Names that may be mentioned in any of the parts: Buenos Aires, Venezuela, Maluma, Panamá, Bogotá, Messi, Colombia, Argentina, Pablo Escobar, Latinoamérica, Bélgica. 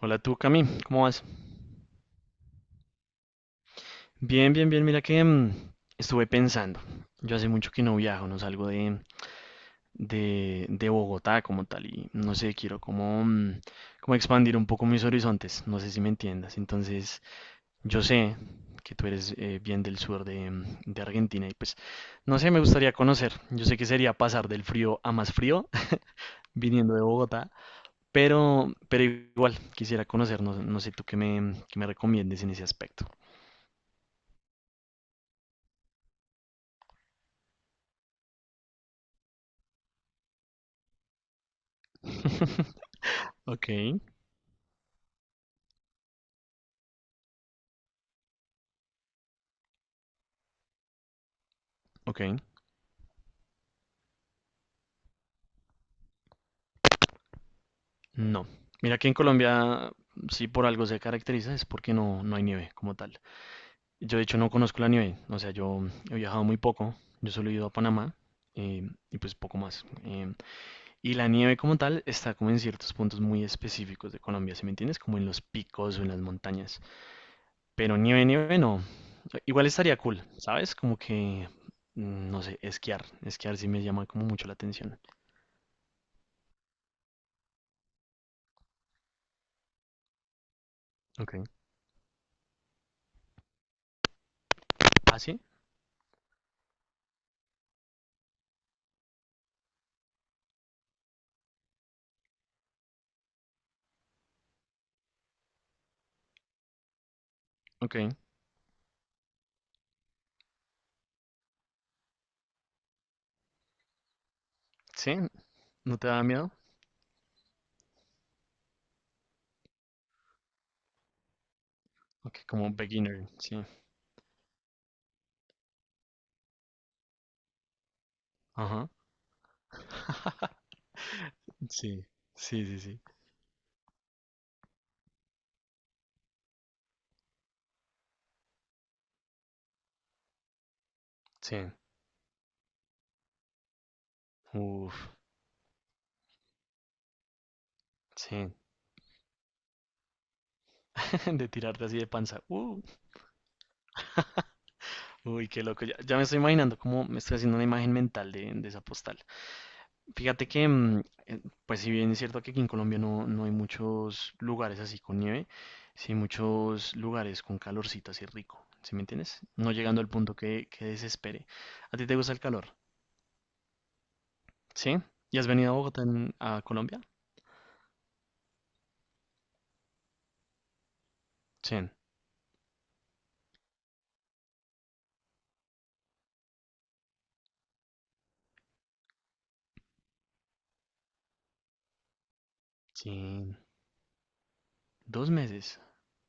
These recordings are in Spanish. Hola tú, Cami, ¿cómo vas? Bien, bien, bien, mira que estuve pensando. Yo hace mucho que no viajo, no salgo de, de Bogotá como tal y no sé, quiero como expandir un poco mis horizontes, no sé si me entiendas. Entonces, yo sé que tú eres bien del sur de Argentina y pues, no sé, me gustaría conocer. Yo sé que sería pasar del frío a más frío viniendo de Bogotá, pero, igual quisiera conocer, no sé tú qué me recomiendes en ese aspecto. Ok, ok. No. Mira que en Colombia, si por algo se caracteriza, es porque no hay nieve como tal. Yo, de hecho, no conozco la nieve. O sea, yo he viajado muy poco. Yo solo he ido a Panamá y pues poco más. Y la nieve como tal está como en ciertos puntos muy específicos de Colombia, ¿sí me entiendes? Como en los picos o en las montañas. Pero nieve, nieve no. Igual estaría cool, ¿sabes? Como que, no sé, esquiar. Esquiar sí me llama como mucho la atención. Ok. ¿Ah, sí? Ok. Sí, ¿no te da miedo? Ok, como beginner, sí. Ajá, sí, sí, sí, sí. Sí, uff, sí. De tirarte así de panza. Uy, qué loco. Ya, ya me estoy imaginando cómo me estoy haciendo una imagen mental de, esa postal. Fíjate que, pues si bien es cierto que aquí en Colombia no hay muchos lugares así con nieve, sí hay muchos lugares con calorcito así rico, ¿sí me entiendes? No llegando al punto que desespere. ¿A ti te gusta el calor? ¿Sí? ¿Y has venido a Bogotá, a Colombia? Sí. Sí. 2 meses.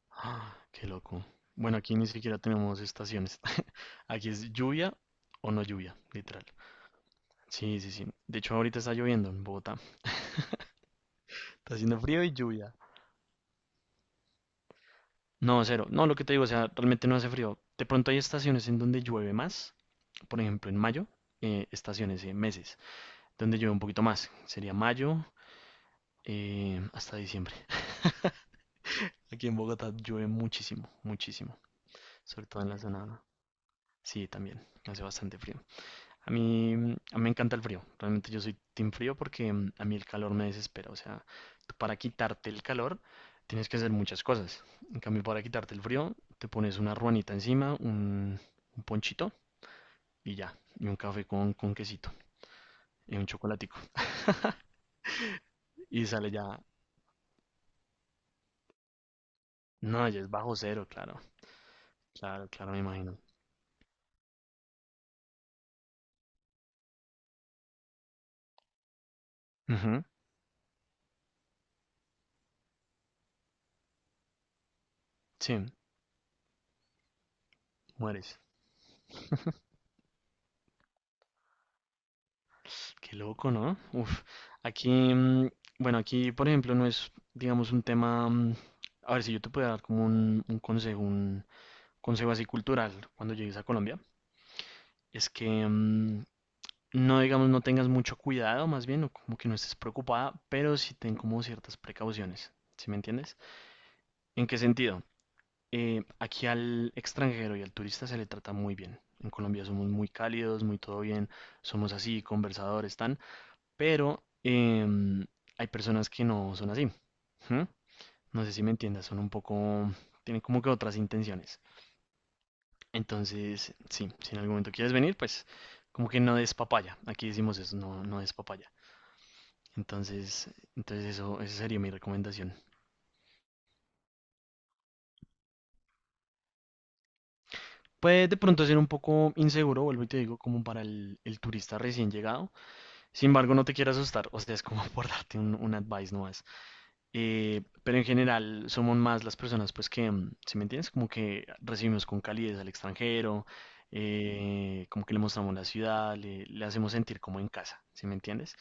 Ah, qué loco. Bueno, aquí ni siquiera tenemos estaciones. Aquí es lluvia o no lluvia, literal. Sí, sí, sí. De hecho, ahorita está lloviendo en Bogotá. Está haciendo frío y lluvia. No, cero. No, lo que te digo, o sea, realmente no hace frío. De pronto hay estaciones en donde llueve más. Por ejemplo, en mayo, estaciones, meses, donde llueve un poquito más. Sería mayo hasta diciembre. Aquí en Bogotá llueve muchísimo, muchísimo. Sobre todo en la zona. Sí, también. Hace bastante frío. A mí me encanta el frío. Realmente yo soy team frío porque a mí el calor me desespera. O sea, tú para quitarte el calor tienes que hacer muchas cosas. En cambio, para quitarte el frío, te pones una ruanita encima, un ponchito y ya. Y un café con quesito y un chocolatico. Y sale ya. No, ya es bajo cero, claro. Claro, claro, me imagino. Ujú, sí, mueres. Qué loco, ¿no? Uf, aquí, bueno, aquí, por ejemplo, no es, digamos, un tema, a ver si yo te puedo dar como un consejo, un consejo así cultural cuando llegues a Colombia, es que no, digamos, no tengas mucho cuidado, más bien, o como que no estés preocupada, pero sí ten como ciertas precauciones, ¿sí me entiendes? ¿En qué sentido? Aquí al extranjero y al turista se le trata muy bien. En Colombia somos muy cálidos, muy todo bien, somos así, conversadores, tan. Pero hay personas que no son así. ¿Mm? No sé si me entiendas, son un poco, tienen como que otras intenciones. Entonces, sí, si en algún momento quieres venir, pues como que no des papaya. Aquí decimos eso, no des papaya. Entonces, eso, esa sería mi recomendación. Puede de pronto ser un poco inseguro, vuelvo y te digo, como para el, turista recién llegado. Sin embargo, no te quiero asustar, o sea, es como por darte un advice, no. Pero en general somos más las personas, pues que, si me entiendes, como que recibimos con calidez al extranjero, como que le mostramos la ciudad, le hacemos sentir como en casa, ¿si me entiendes?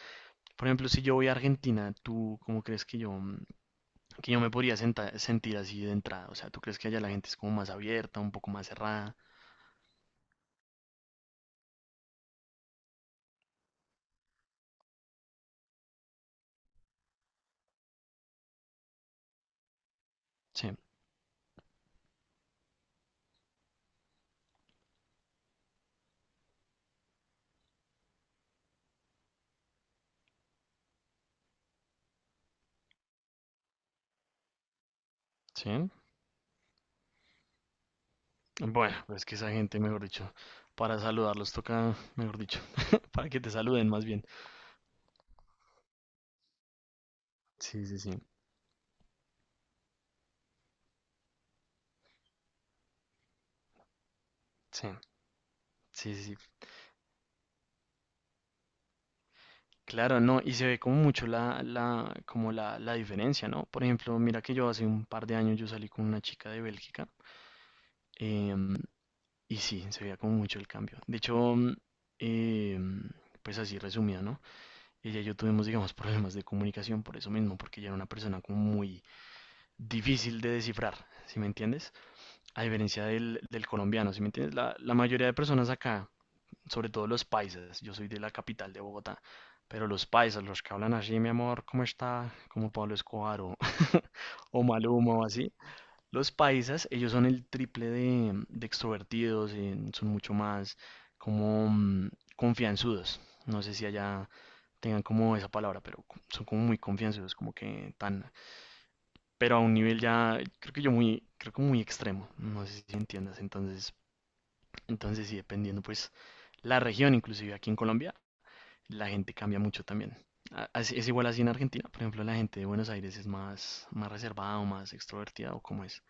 Por ejemplo, si yo voy a Argentina, ¿tú cómo crees que yo me podría sentir así de entrada? O sea, ¿tú crees que allá la gente es como más abierta, un poco más cerrada? Sí, sí. Bueno, pues es que esa gente, mejor dicho, para saludarlos toca, mejor dicho, para que te saluden más bien. Sí, sí, sí. Sí, sí, sí, sí. Claro, no, y se ve como mucho como la diferencia, ¿no? Por ejemplo, mira que yo hace un par de años yo salí con una chica de Bélgica em, y sí, se veía como mucho el cambio. De hecho, em, pues así resumida, ¿no? Ella y yo tuvimos, digamos, problemas de comunicación por eso mismo, porque ella era una persona como muy difícil de descifrar, ¿sí me entiendes? A diferencia del, colombiano, ¿sí me entiendes? La mayoría de personas acá sobre todo los paisas. Yo soy de la capital de Bogotá, pero los paisas, los que hablan así, mi amor, ¿cómo está? Como Pablo Escobar o, o Maluma o así. Los paisas, ellos son el triple de extrovertidos, son mucho más como confianzudos. No sé si allá tengan como esa palabra, pero son como muy confianzudos, como que tan, pero a un nivel ya, creo que muy extremo, no sé si me entiendas. Entonces, sí, dependiendo pues la región, inclusive aquí en Colombia la gente cambia mucho también. Es igual así en Argentina. Por ejemplo, la gente de Buenos Aires es más reservada o más extrovertida o como es.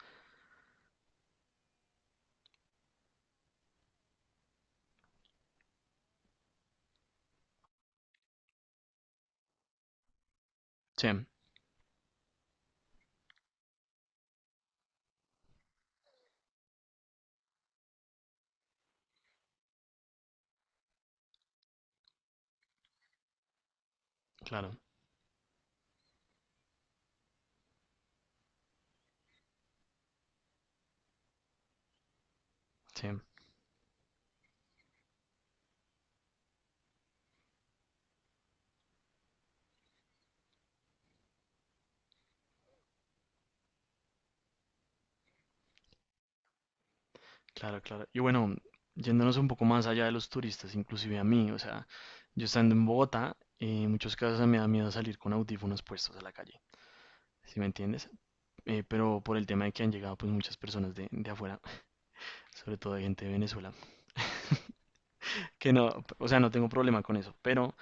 Sí, claro, sí, claro, claro. Y bueno, yéndonos un poco más allá de los turistas, inclusive a mí, o sea, yo estando en Bogotá, en muchos casos me da miedo salir con audífonos puestos a la calle, ¿sí me entiendes? Pero por el tema de que han llegado pues muchas personas de, afuera, sobre todo de gente de Venezuela. Que no, o sea, no tengo problema con eso, pero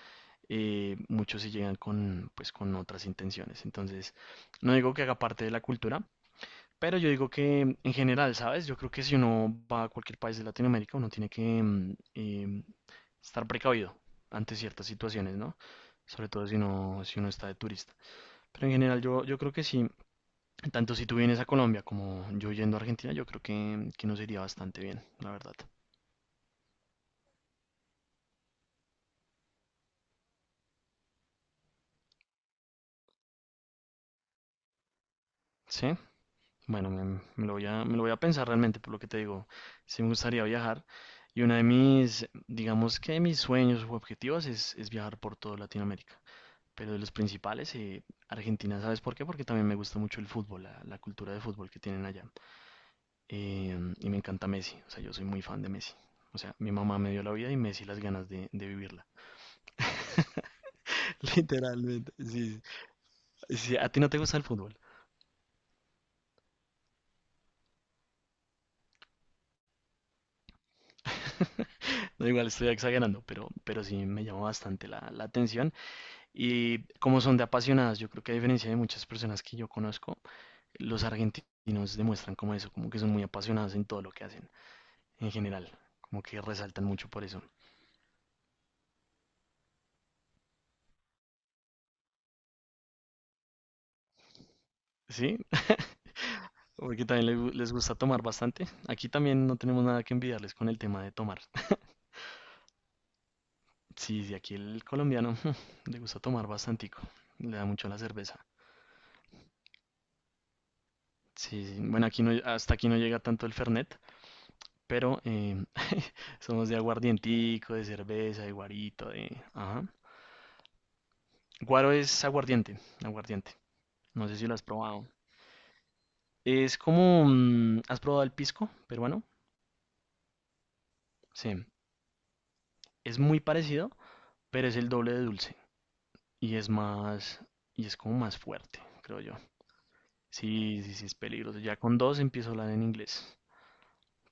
muchos sí llegan pues con otras intenciones. Entonces, no digo que haga parte de la cultura, pero yo digo que en general, ¿sabes? Yo creo que si uno va a cualquier país de Latinoamérica, uno tiene que estar precavido ante ciertas situaciones, ¿no? Sobre todo si uno, está de turista. Pero en general, yo creo que sí, tanto si tú vienes a Colombia como yo yendo a Argentina, yo creo que, nos iría bastante bien, la verdad. ¿Sí? Bueno, me lo voy a pensar realmente por lo que te digo. Sí me gustaría viajar. Y una de mis, digamos que mis sueños u objetivos es viajar por toda Latinoamérica. Pero de los principales, Argentina, ¿sabes por qué? Porque también me gusta mucho el fútbol, la cultura de fútbol que tienen allá. Y me encanta Messi, o sea, yo soy muy fan de Messi. O sea, mi mamá me dio la vida y Messi las ganas de, vivirla. Literalmente, sí. Sí. Sí, a ti no te gusta el fútbol. No, igual estoy exagerando, pero sí me llama bastante la atención. Y como son de apasionados, yo creo que a diferencia de muchas personas que yo conozco, los argentinos demuestran como eso, como que son muy apasionados en todo lo que hacen, en general, como que resaltan mucho por eso. Sí, porque también le les gusta tomar bastante. Aquí también no tenemos nada que envidiarles con el tema de tomar. Sí, sí, aquí el colombiano le gusta tomar bastantico, le da mucho a la cerveza. Sí, sí, bueno, aquí no, hasta aquí no llega tanto el fernet, pero somos de aguardientico, de cerveza, de guarito, de... Ajá. Guaro es aguardiente, aguardiente. No sé si lo has probado. Es como, ¿has probado el pisco peruano? Sí, es muy parecido, pero es el doble de dulce y es más, y es como más fuerte, creo yo. Sí, sí, sí, es peligroso. Ya con dos empiezo a hablar en inglés.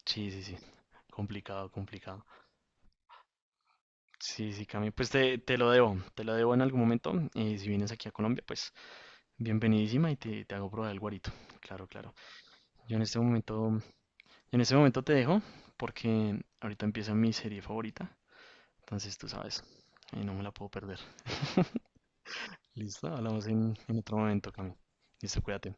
Sí, sí, sí. Complicado, complicado. Sí, sí, Cami, pues te lo debo, te lo debo en algún momento. Y si vienes aquí a Colombia, pues bienvenidísima y te hago probar el guarito. Claro, claro. Yo en este momento En ese momento te dejo porque ahorita empieza mi serie favorita. Entonces tú sabes, no me la puedo perder. Listo, hablamos en, otro momento, Cami. Listo, cuídate.